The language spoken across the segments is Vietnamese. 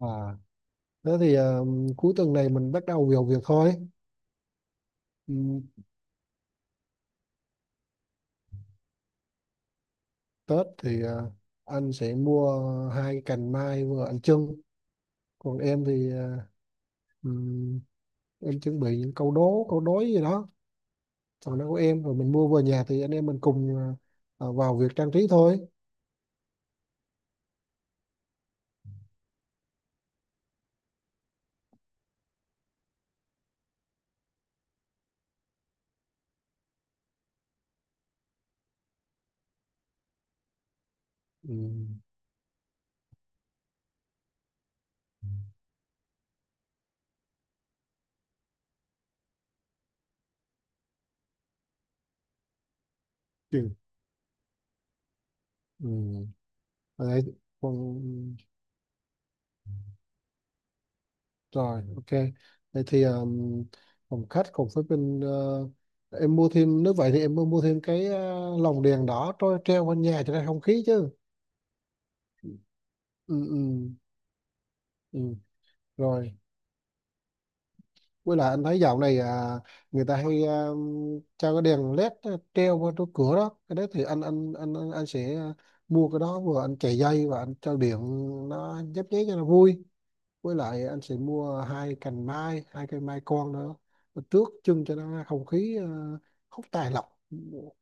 À, thế thì cuối tuần này mình bắt đầu vào việc thôi. Ừ, Tết thì anh sẽ mua hai cái cành mai vừa anh trưng. Còn em thì ừm, em chuẩn bị những câu đố, câu đối gì đó. Còn nó của em rồi mình mua về nhà thì anh em mình cùng vào việc trang trí thôi. Ừ. Chừng Ừ. Đấy. Còn Rồi, ok. Vậy thì phòng khách cùng với bên, em mua thêm nếu vậy thì em mua thêm cái lồng đèn đỏ trôi treo bên nhà cho ra không khí chứ. Ừ, ừ, ừ. Rồi. Với lại anh thấy dạo này người ta hay cho cái đèn led treo qua chỗ cửa đó. Cái đấy thì anh sẽ mua cái đó, vừa anh chạy dây và anh cho điện nó nhấp nháy cho nó vui. Với lại anh sẽ mua hai cành mai, hai cây mai con nữa. Mà tước chân cho nó không khí, không tài lộc,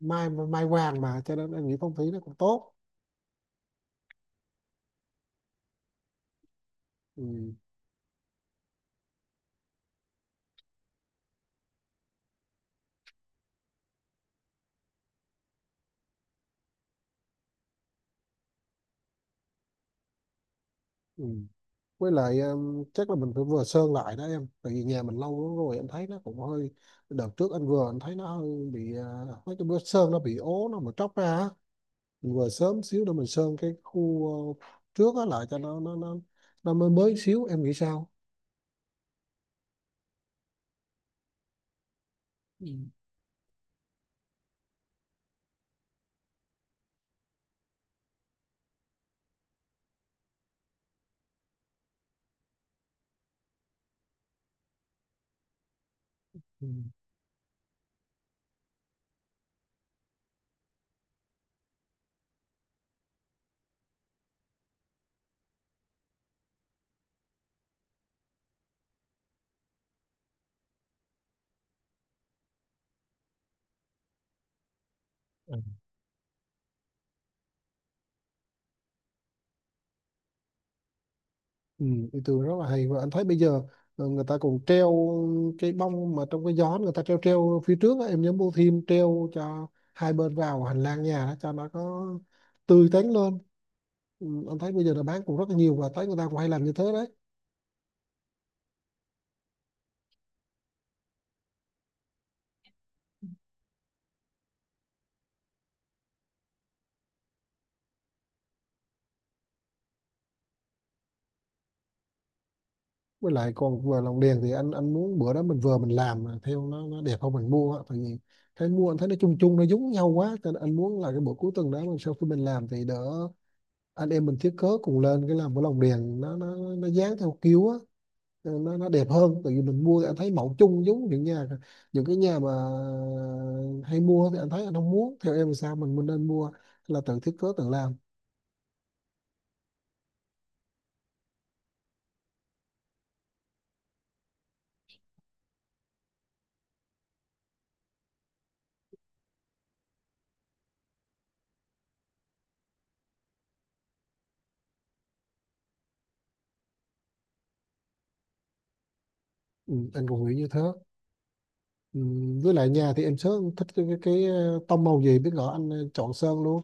mai mai vàng mà, cho nên anh nghĩ phong thủy nó cũng tốt. Ừ, ừ. Với lại chắc là mình phải vừa sơn lại đó em, tại vì nhà mình lâu lắm rồi em thấy nó cũng hơi. Đợt trước anh thấy nó hơi bị, mấy cái bữa sơn nó bị ố nó mà tróc ra á. Mình vừa sớm xíu để mình sơn cái khu ờ, trước á lại cho nó mới mới xíu, em nghĩ sao. Ừ. Ừ. Ừ, ý tưởng rất là hay, và anh thấy bây giờ người ta còn treo cái bông mà trong cái gió người ta treo treo phía trước á, em nhớ mua thêm treo cho hai bên vào hành lang nhà đó, cho nó có tươi tắn lên. Ừ, anh thấy bây giờ là bán cũng rất là nhiều và thấy người ta cũng hay làm như thế đấy. Với lại còn vừa lồng đèn thì anh muốn bữa đó mình làm mà theo nó đẹp không mình mua á. Tại vì thấy mua anh thấy nó chung chung, nó giống nhau quá, cho nên anh muốn là cái buổi cuối tuần đó mình sau khi mình làm thì đỡ, anh em mình thiết kế cùng lên cái làm cái lồng đèn, nó dán theo kiểu á, nó đẹp hơn. Tại vì mình mua thì anh thấy mẫu chung giống những nhà, những cái nhà mà hay mua, thì anh thấy anh không muốn theo, em thì sao, mình nên mua là tự thiết kế tự làm. Ừ, anh cũng nghĩ như thế. Ừ, với lại nhà thì em sớm thích cái tông màu gì biết rõ anh chọn sơn luôn.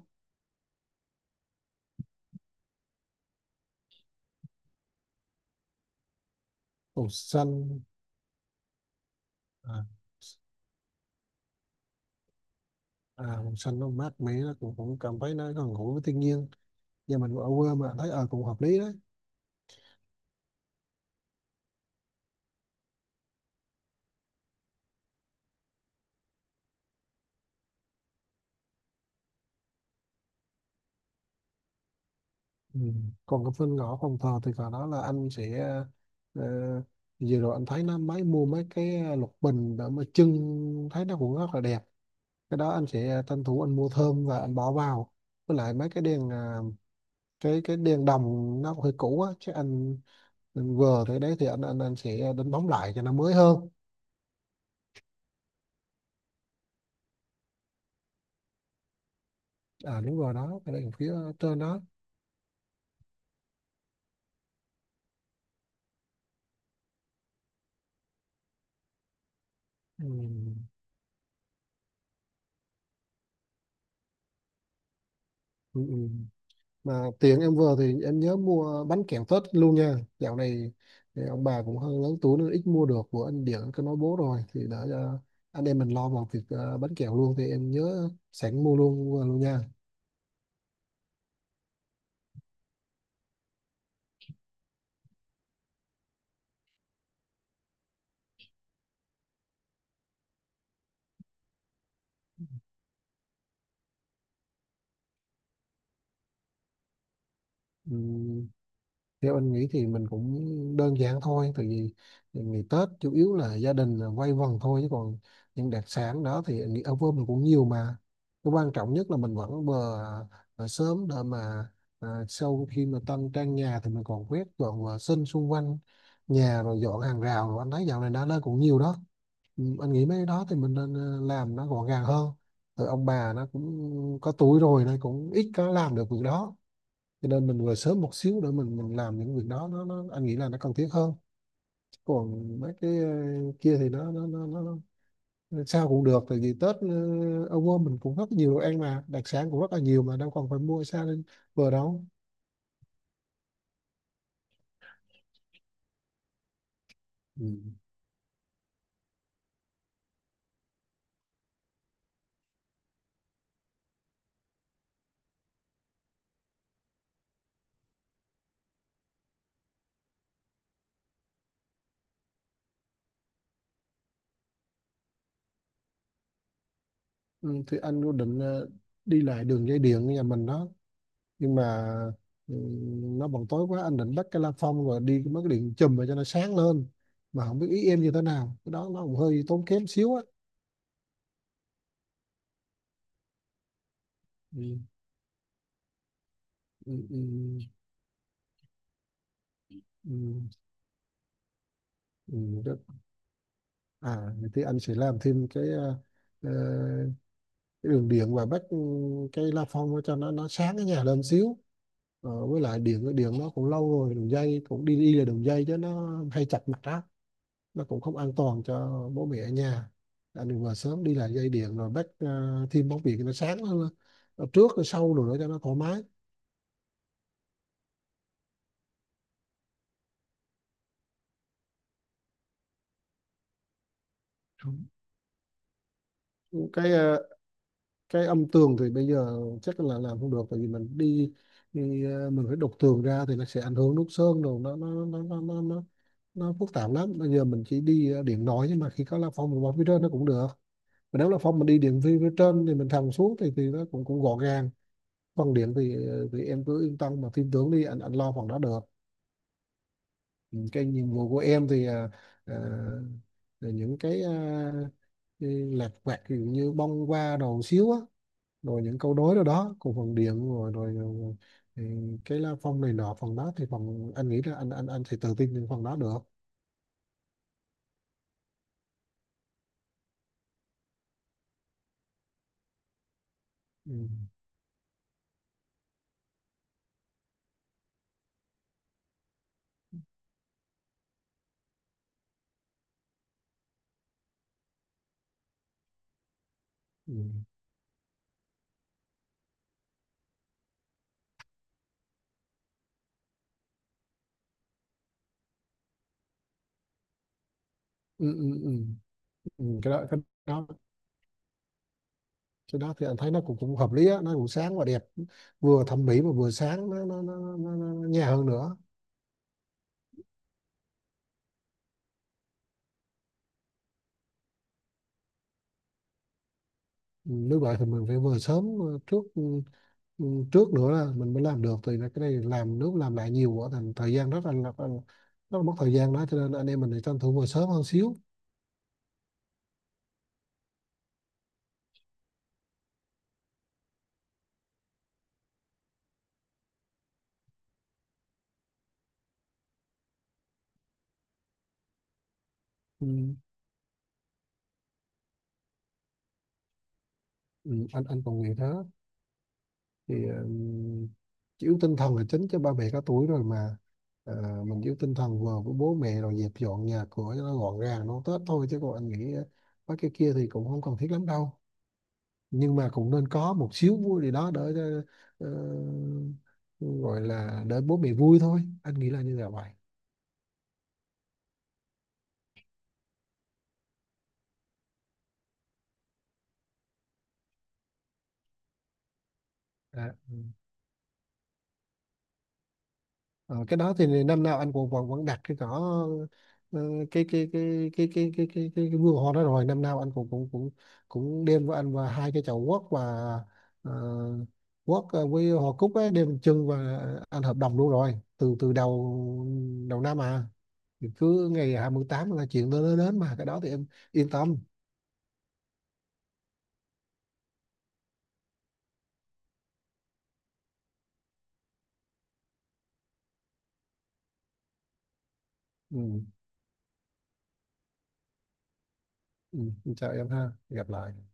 Màu xanh. à, màu xanh nó mát mẻ, nó cũng cảm thấy nó gần gũi với thiên nhiên. Nhà mình ở quê mà thấy cũng hợp lý đó. Ừ. Còn cái phần ngõ phòng thờ thì cả đó là anh sẽ, ờ, vừa rồi anh thấy nó mua mấy cái lục bình để mà trưng, thấy nó cũng rất là đẹp. Cái đó anh sẽ tranh thủ anh mua thơm và anh bỏ vào. Với lại mấy cái đèn cái đèn đồng nó hơi cũ á chứ anh vừa tới đấy thì anh sẽ đánh bóng lại cho nó mới hơn. À đúng rồi đó, cái đèn phía trên đó. Ừ. Ừ. Ừ. Mà tiền em vừa thì em nhớ mua bánh kẹo Tết luôn nha. Dạo này thì ông bà cũng hơi lớn tuổi nên ít mua được, của anh Điển anh cứ nói bố rồi thì đã cho anh em mình lo vào việc, bánh kẹo luôn, thì em nhớ sẵn mua luôn luôn nha. Ừ, theo anh nghĩ thì mình cũng đơn giản thôi, tại vì ngày Tết chủ yếu là gia đình là quây quần thôi, chứ còn những đặc sản đó thì anh nghĩ ở Vân cũng nhiều mà. Cái quan trọng nhất là mình vẫn vừa sớm để mà sau khi mà tân trang nhà thì mình còn quét dọn vệ sinh xung quanh nhà, rồi dọn hàng rào, rồi anh thấy dạo này đã lên cũng nhiều đó. Ừ, anh nghĩ mấy cái đó thì mình nên làm nó gọn gàng hơn. Rồi ông bà nó cũng có tuổi rồi nên cũng ít có làm được việc đó, cho nên mình về sớm một xíu để mình làm những việc đó, nó anh nghĩ là nó cần thiết hơn. Còn mấy cái kia thì nó sao cũng được, tại vì Tết ở quê mình cũng rất nhiều đồ ăn mà, đặc sản cũng rất là nhiều mà, đâu còn phải mua xa lên bờ đâu. Ừ. Ừ, thì anh quyết định đi lại đường dây điện nhà mình đó, nhưng mà ừ, nó bằng tối quá, anh định bắt cái la phong rồi đi mấy cái điện chùm mà cho nó sáng lên, mà không biết ý em như thế nào, cái đó nó cũng hơi tốn kém xíu á. Ừ. Ừ. Ừ. Ừ. Ừ, đất. À, vậy thì anh sẽ làm thêm ờ, cái đường điện và bắt cái la phong cho nó sáng cái nhà lên xíu. Ờ, với lại điện điện nó cũng lâu rồi, đường dây cũng đi đi là đường dây chứ, nó hay chặt mặt á, nó cũng không an toàn cho bố mẹ ở nhà. Anh đừng vào sớm đi lại dây điện rồi bắt thêm bóng điện cho nó sáng hơn. Ờ, trước rồi sau rồi nữa cho nó thoải mái. Cái ờ, cái âm tường thì bây giờ chắc là làm không được, tại vì mình đi, đi ờ, mình phải đục tường ra thì nó sẽ ảnh hưởng nút sơn đồ, nó phức tạp lắm. Bây giờ mình chỉ đi điện nói, nhưng mà khi có la phong mình bỏ phía trên nó cũng được, mà nếu la phong mình đi điện vi phía trên thì mình thầm xuống thì nó cũng cũng gọn gàng. Phần điện thì thì em cứ yên tâm mà tin tưởng đi, anh lo phần đó được. Ừ, cái nhiệm vụ của em thì ờ, là những cái lặt vặt, ví dụ như bông hoa đồ xíu á, rồi những câu đối đó đó, cùng phần điện, rồi rồi, rồi ừ, cái lá phong này nọ, phần đó thì phần anh nghĩ là anh thì tự tin những phần đó được. Ừ. Ừ. Ừ, ừ, ừ. Ừ. Đó cái đó thì anh thấy nó cũng cũng hợp lý á, nó cũng sáng và đẹp, vừa thẩm mỹ mà vừa sáng, nó nhẹ hơn nữa. Ừ, nếu vậy thì mình phải vừa sớm trước, ừ, trước nữa là mình mới làm được, thì là cái này làm nước làm lại nhiều quá thành thời gian rất là rất là mất thời gian đó, cho nên anh em mình thì tranh thủ vừa sớm hơn xíu. Ừ. Ừ, anh còn nghĩ thế thì chỉ yếu tinh thần là chính, cho ba mẹ có tuổi rồi mà. Ờ, mình yếu tinh thần vừa với bố mẹ rồi dẹp dọn nhà cửa cho nó gọn gàng nó Tết thôi, chứ còn anh nghĩ mấy cái kia thì cũng không cần thiết lắm đâu, nhưng mà cũng nên có một xíu vui gì đó để ờ, gọi là để bố mẹ vui thôi, anh nghĩ là như là vậy. À, ừ. Ờ, cái đó thì năm nào anh cũng vẫn vẫn đặt cái cỏ, ờ, cái vườn hoa đó, rồi năm nào anh cũng cũng cũng cũng đem với anh và hai cái chậu quất, và uh, quất với hoa cúc ấy đem chân, và anh hợp đồng luôn rồi từ từ đầu đầu năm à, thì cứ ngày 28 là chuyện nó đến đến, mà cái đó thì em yên tâm. Ừ, ừ, chào em ha, gặp lại.